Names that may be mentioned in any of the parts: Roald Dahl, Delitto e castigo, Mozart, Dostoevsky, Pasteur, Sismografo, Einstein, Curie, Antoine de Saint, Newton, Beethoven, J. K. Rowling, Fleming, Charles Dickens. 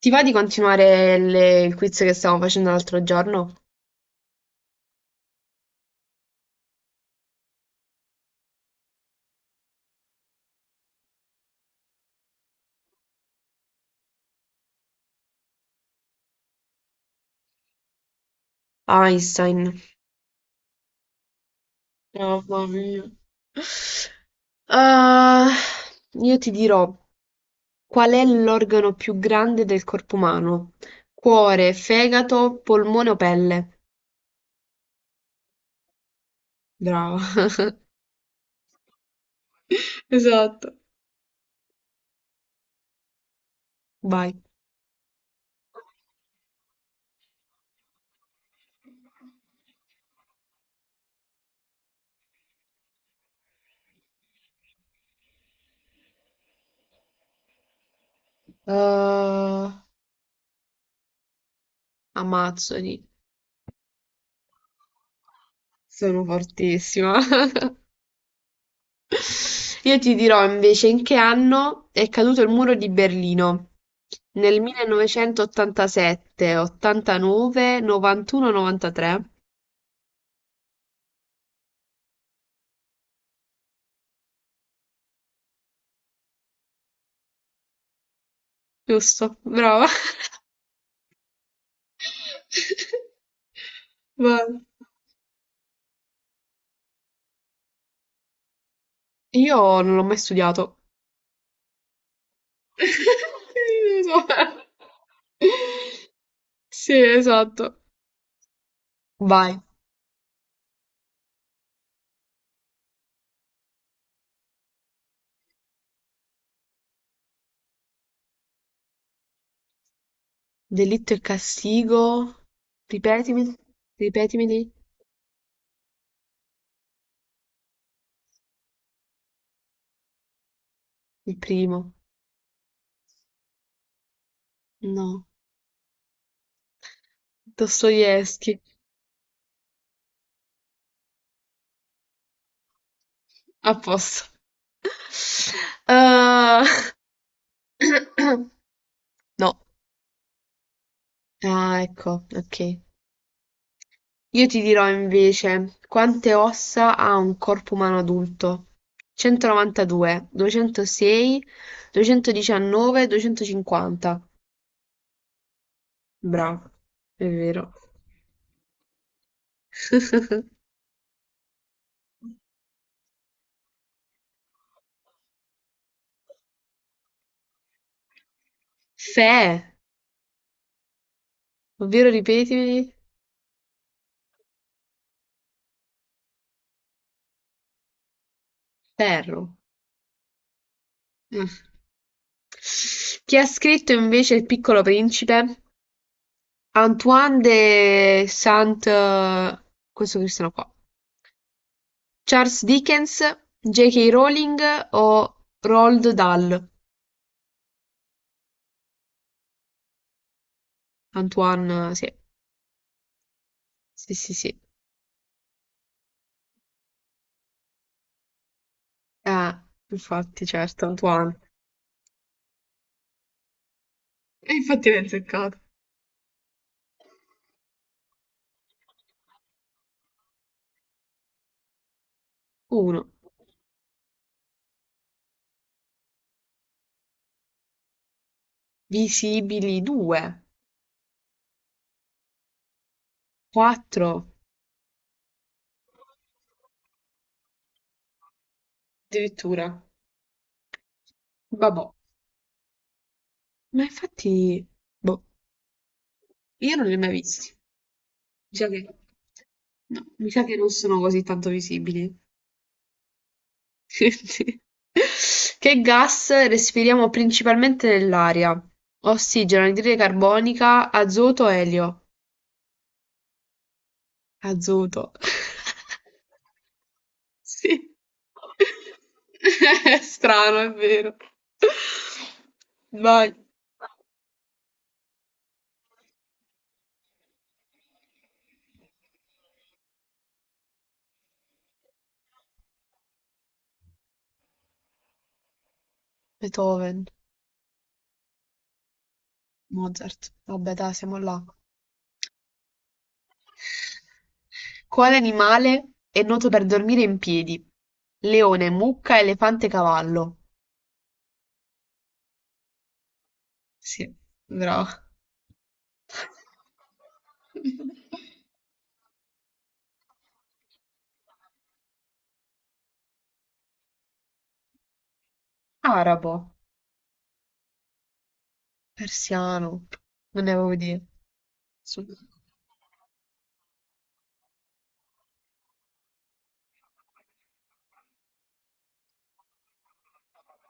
Ti va di continuare il quiz che stavamo facendo l'altro giorno? Einstein. Mamma mia. Ah, io ti dirò qual è l'organo più grande del corpo umano? Cuore, fegato, polmone o pelle? Brava. Esatto. Vai. Ah, ammazzoli. Sono fortissima. Io ti dirò invece in che anno è caduto il muro di Berlino. Nel 1987, 89, 91, 93. Giusto, brava. Ma... Io non l'ho mai studiato. Non lo so. Sì, esatto. Vai. Delitto e castigo. Ripetimi, ripetimeli. Il primo. No. Dostoevsky. A posto. Uhm, no. Ah, ecco, okay. Io ti dirò invece quante ossa ha un corpo umano adulto. 192, 206, 219, 250. Bravo, è vero. Fe, ovvero ripetimi, ferro. Mm. Chi ha scritto invece Il Piccolo Principe? Principe? Antoine de Saint... questo Cristiano qua. Charles Dickens, J. K. Rowling o Roald Dahl? Antoine, sì, sì, sì, sì. Eh, infatti, certo, Antoine. E infatti l'hai azzeccato. 1, visibili 2, 4, addirittura, vabbè. Ma infatti, boh, io non li ho mai visti. Mi sa che, no, mi sa che non sono così tanto visibili. Quindi, che gas respiriamo principalmente nell'aria? Ossigeno, anidride carbonica, azoto, elio. Azoto. Sì. È strano, è vero. Vai. Beethoven, Mozart. Vabbè, dai, siamo là. Quale animale è noto per dormire in piedi? Leone, mucca, elefante, cavallo. Sì, brava. Arabo, persiano, non ne avevo idea. Su-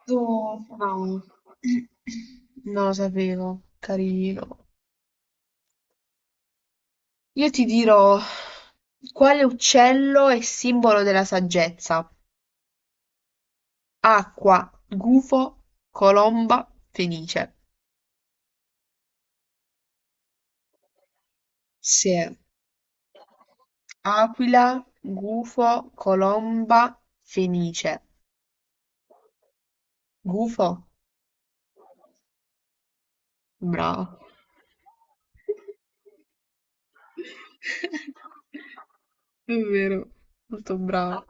no. Non lo sapevo, carino. Io ti dirò quale uccello è simbolo della saggezza? Acqua, gufo, colomba, fenice; se, aquila, gufo, colomba, fenice, gufo, bravo. È vero, molto brava.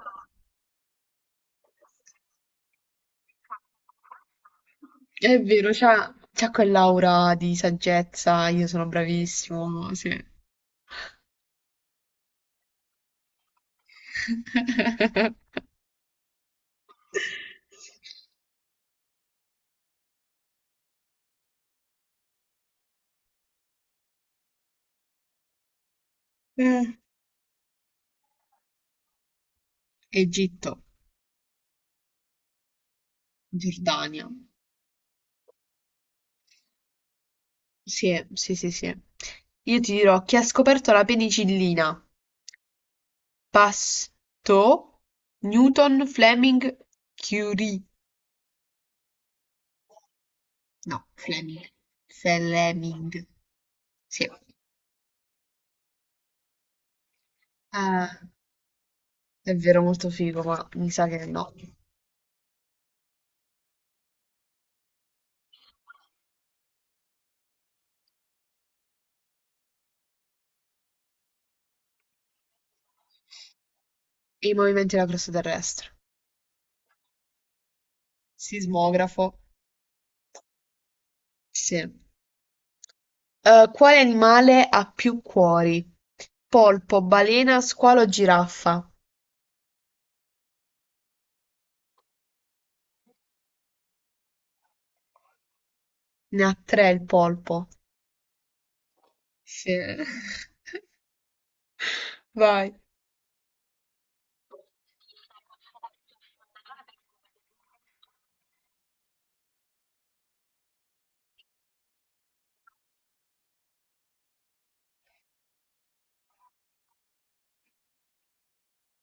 È vero, c'ha quell'aura di saggezza, io sono bravissimo, sì. Eh, Egitto. Giordania. Sì, sì, sì, sì. Io ti dirò chi ha scoperto la penicillina? Pasteur, Newton, Fleming, Curie. No, Fleming. Fleming. Sì. Ah, è vero, molto figo, ma mi sa che no. I movimenti della crosta terrestre. Sismografo. Sì. Quale animale ha più cuori? Polpo, balena, squalo, giraffa. Ne ha tre il polpo. Sì. Vai.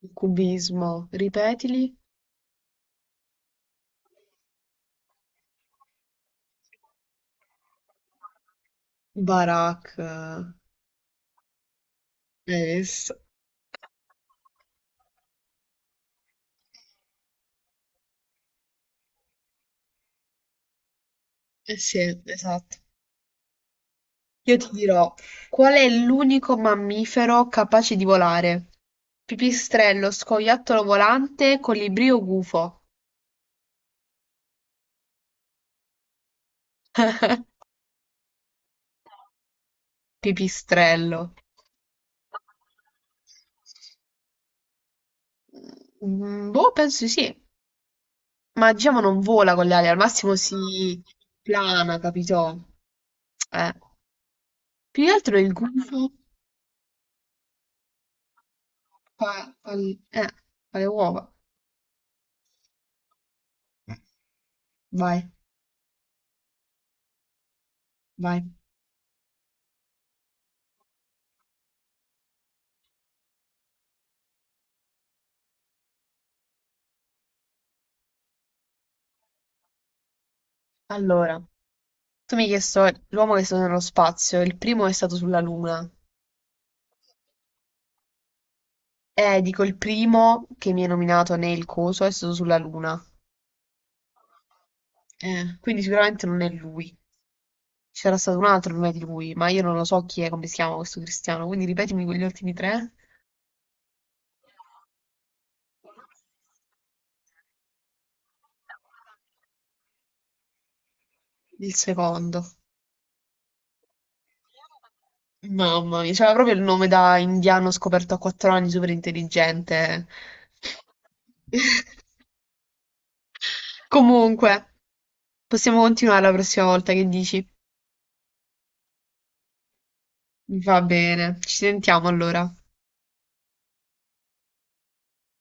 Il cubismo, ripetili. Barak. Hai visto? Eh sì, esatto. Io ti dirò, qual è l'unico mammifero capace di volare? Pipistrello, scoiattolo volante, colibrì o gufo? Pipistrello. Mm, boh, penso di sì. Ma il Gemo non vola con le ali, al massimo si plana, capito? Eh. Più che altro il gufo fa, fa l- eh, fa le uova. Vai, vai. Allora, tu mi hai chiesto l'uomo che è stato nello spazio, il primo è stato sulla Luna. Dico il primo che mi hai nominato nel coso è stato sulla Luna. Quindi sicuramente non è lui. C'era stato un altro prima di lui, ma io non lo so chi è, come si chiama questo cristiano, quindi ripetimi quegli ultimi tre. Il secondo. Mamma mia, c'aveva proprio il nome da indiano scoperto a 4 anni, super intelligente. Comunque, possiamo continuare la prossima volta, che dici? Va bene, ci sentiamo allora.